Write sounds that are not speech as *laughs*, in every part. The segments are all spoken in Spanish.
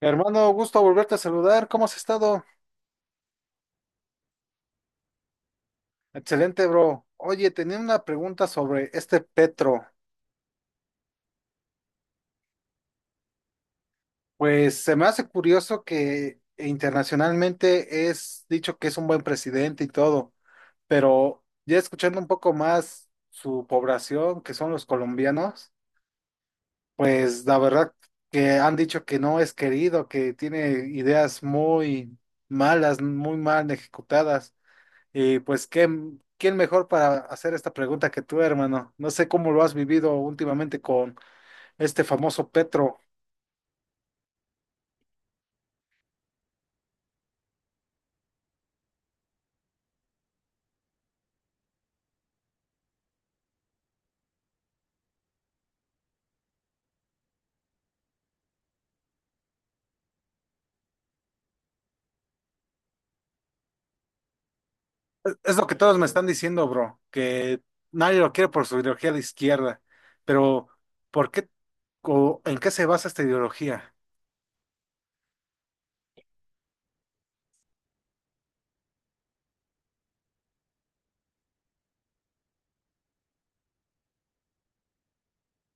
Hermano, gusto volverte a saludar. ¿Cómo has estado? Excelente, bro. Oye, tenía una pregunta sobre este Petro. Pues se me hace curioso que internacionalmente es dicho que es un buen presidente y todo, pero ya escuchando un poco más su población, que son los colombianos, pues la verdad que han dicho que no es querido, que tiene ideas muy malas, muy mal ejecutadas. Y pues, ¿quién, quién mejor para hacer esta pregunta que tú, hermano? No sé cómo lo has vivido últimamente con este famoso Petro. Es lo que todos me están diciendo, bro, que nadie lo quiere por su ideología de izquierda. Pero, ¿por qué o en qué se basa esta ideología?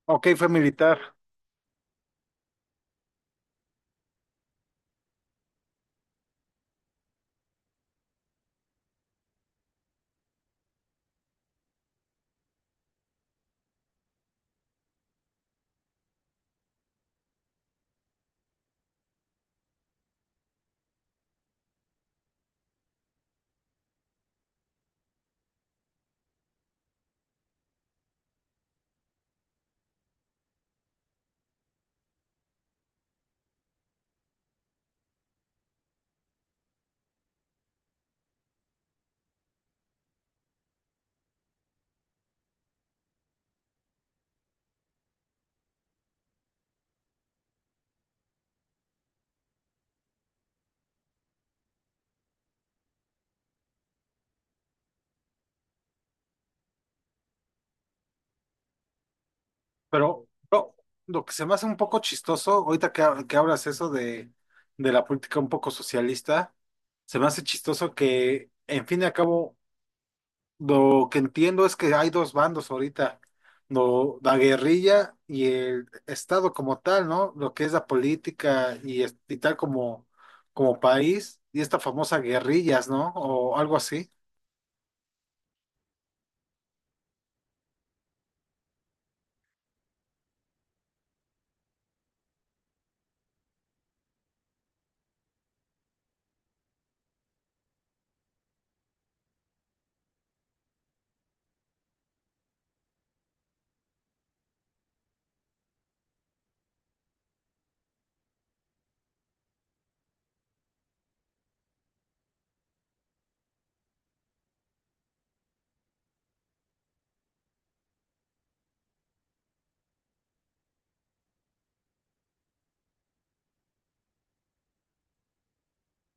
Ok, fue militar, pero bro, lo que se me hace un poco chistoso, ahorita que, ha- que hablas eso de la política un poco socialista, se me hace chistoso que, en fin y al cabo, lo que entiendo es que hay dos bandos ahorita, la guerrilla y el Estado como tal, ¿no? Lo que es la política y, y tal como, como país, y esta famosa guerrillas, ¿no? O algo así.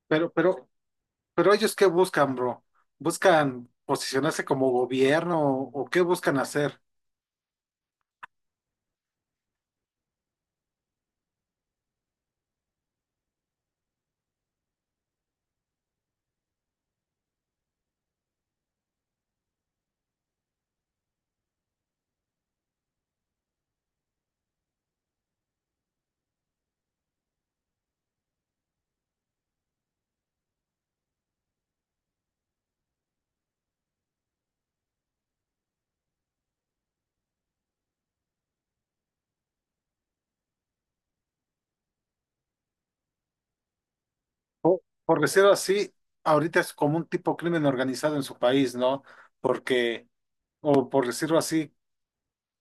Pero, pero, pero ellos ¿qué buscan, bro? ¿Buscan posicionarse como gobierno o qué buscan hacer? O, por decirlo así, ahorita es como un tipo crimen organizado en su país, ¿no? Porque, o por decirlo así,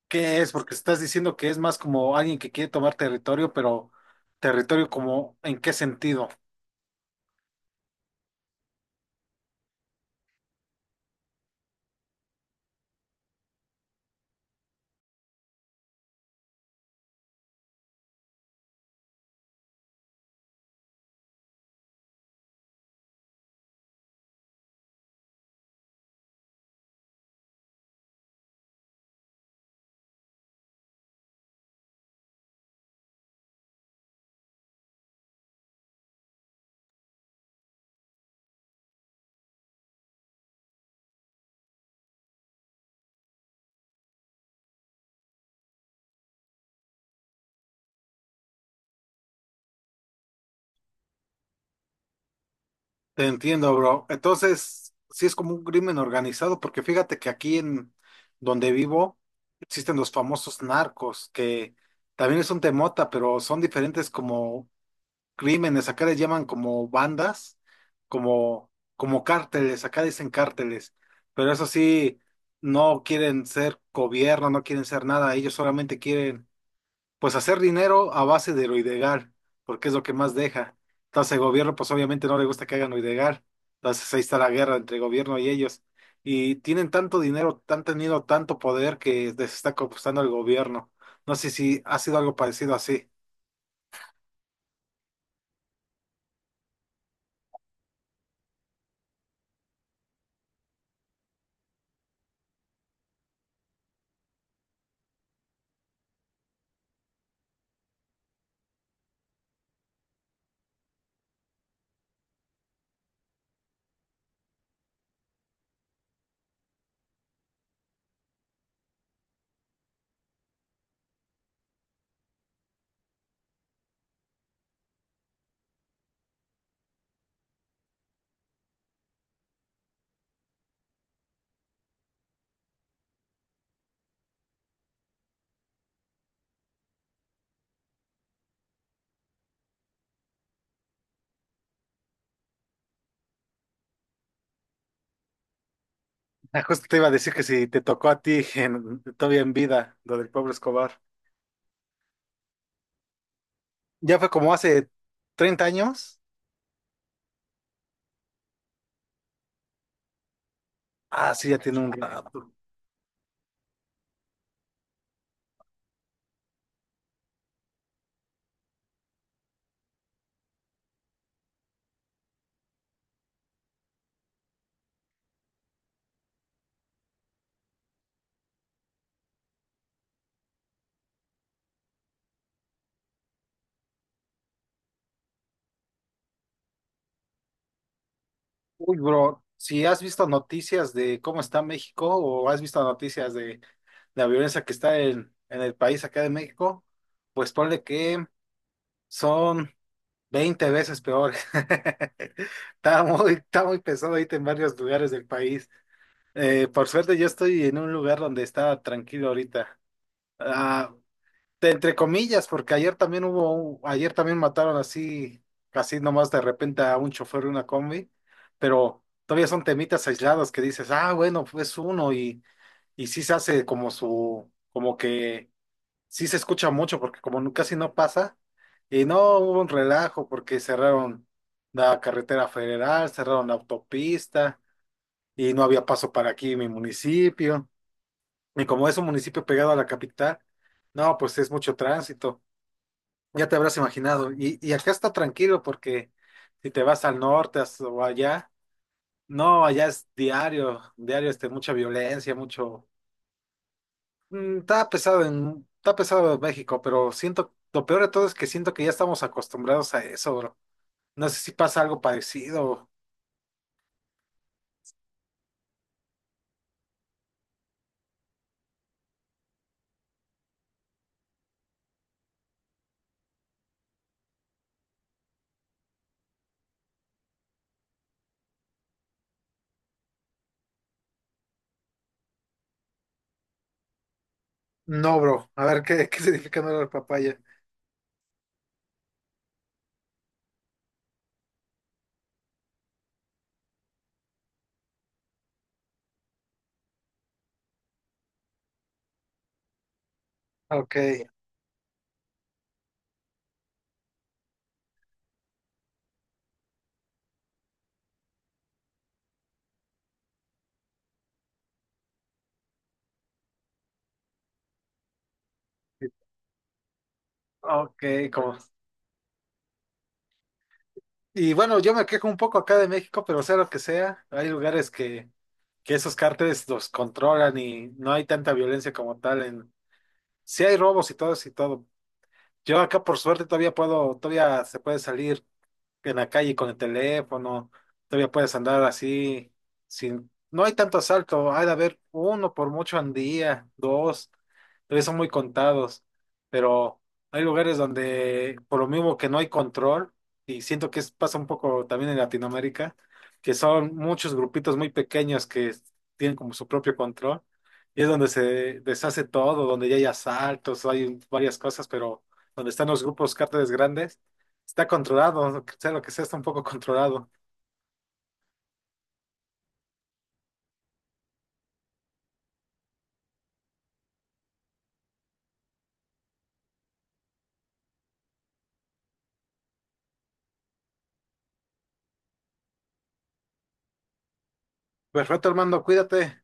¿qué es? Porque estás diciendo que es más como alguien que quiere tomar territorio, pero territorio como, ¿en qué sentido? Te entiendo, bro. Entonces, sí es como un crimen organizado, porque fíjate que aquí en donde vivo existen los famosos narcos, que también es un temota, pero son diferentes como crímenes. Acá les llaman como bandas, como, como cárteles, acá dicen cárteles, pero eso sí, no quieren ser gobierno, no quieren ser nada, ellos solamente quieren pues hacer dinero a base de lo porque es lo que más deja. Entonces el gobierno, pues obviamente no le gusta que hagan lo. Entonces ahí está la guerra entre el gobierno y ellos. Y tienen tanto dinero, han tenido tanto poder que les está costando el gobierno. No sé si ha sido algo parecido así. Ah, justo te iba a decir que si te tocó a ti en, todavía en vida, lo del pobre Escobar. Ya fue como hace 30 años. Ah, sí, ya tiene un rato. Uy, bro, si has visto noticias de cómo está México o has visto noticias de la violencia que está en el país acá de México, pues ponle que son 20 veces peor. *laughs* Está muy pesado ahorita en varios lugares del país. Por suerte yo estoy en un lugar donde está tranquilo ahorita. Ah, de- entre comillas, porque ayer también hubo, ayer también mataron así, casi nomás de repente a un chofer de una combi, pero todavía son temitas aislados que dices, ah, bueno, pues uno y sí se hace como su, como que sí se escucha mucho porque como casi no pasa, y no hubo un relajo porque cerraron la carretera federal, cerraron la autopista y no había paso para aquí en mi municipio, y como es un municipio pegado a la capital, no, pues es mucho tránsito. Ya te habrás imaginado. Y acá está tranquilo porque si te vas al norte o allá, no, allá es diario, diario este, mucha violencia, mucho... Mm, está pesado en México, pero siento, lo peor de todo es que siento que ya estamos acostumbrados a eso, bro. No sé si pasa algo parecido. No, bro. A ver, ¿qué, *laughs* qué significa no la papaya? Ok, ok, como... Y bueno, yo me quejo un poco acá de México, pero sea lo que sea, hay lugares que esos cárteles los controlan y no hay tanta violencia como tal en sí hay robos y todo eso y todo. Yo acá por suerte todavía puedo, todavía se puede salir, en la calle con el teléfono, todavía puedes andar así, sin, no hay tanto asalto, hay de haber uno por mucho al día, dos, todavía son muy contados, pero hay lugares donde por lo mismo que no hay control, y siento que pasa un poco también en Latinoamérica, que son muchos grupitos muy pequeños que tienen como su propio control, y es donde se deshace todo, donde ya hay asaltos, hay varias cosas, pero donde están los grupos cárteles grandes está controlado, sea lo que sea, está un poco controlado. Perfecto, Armando, cuídate.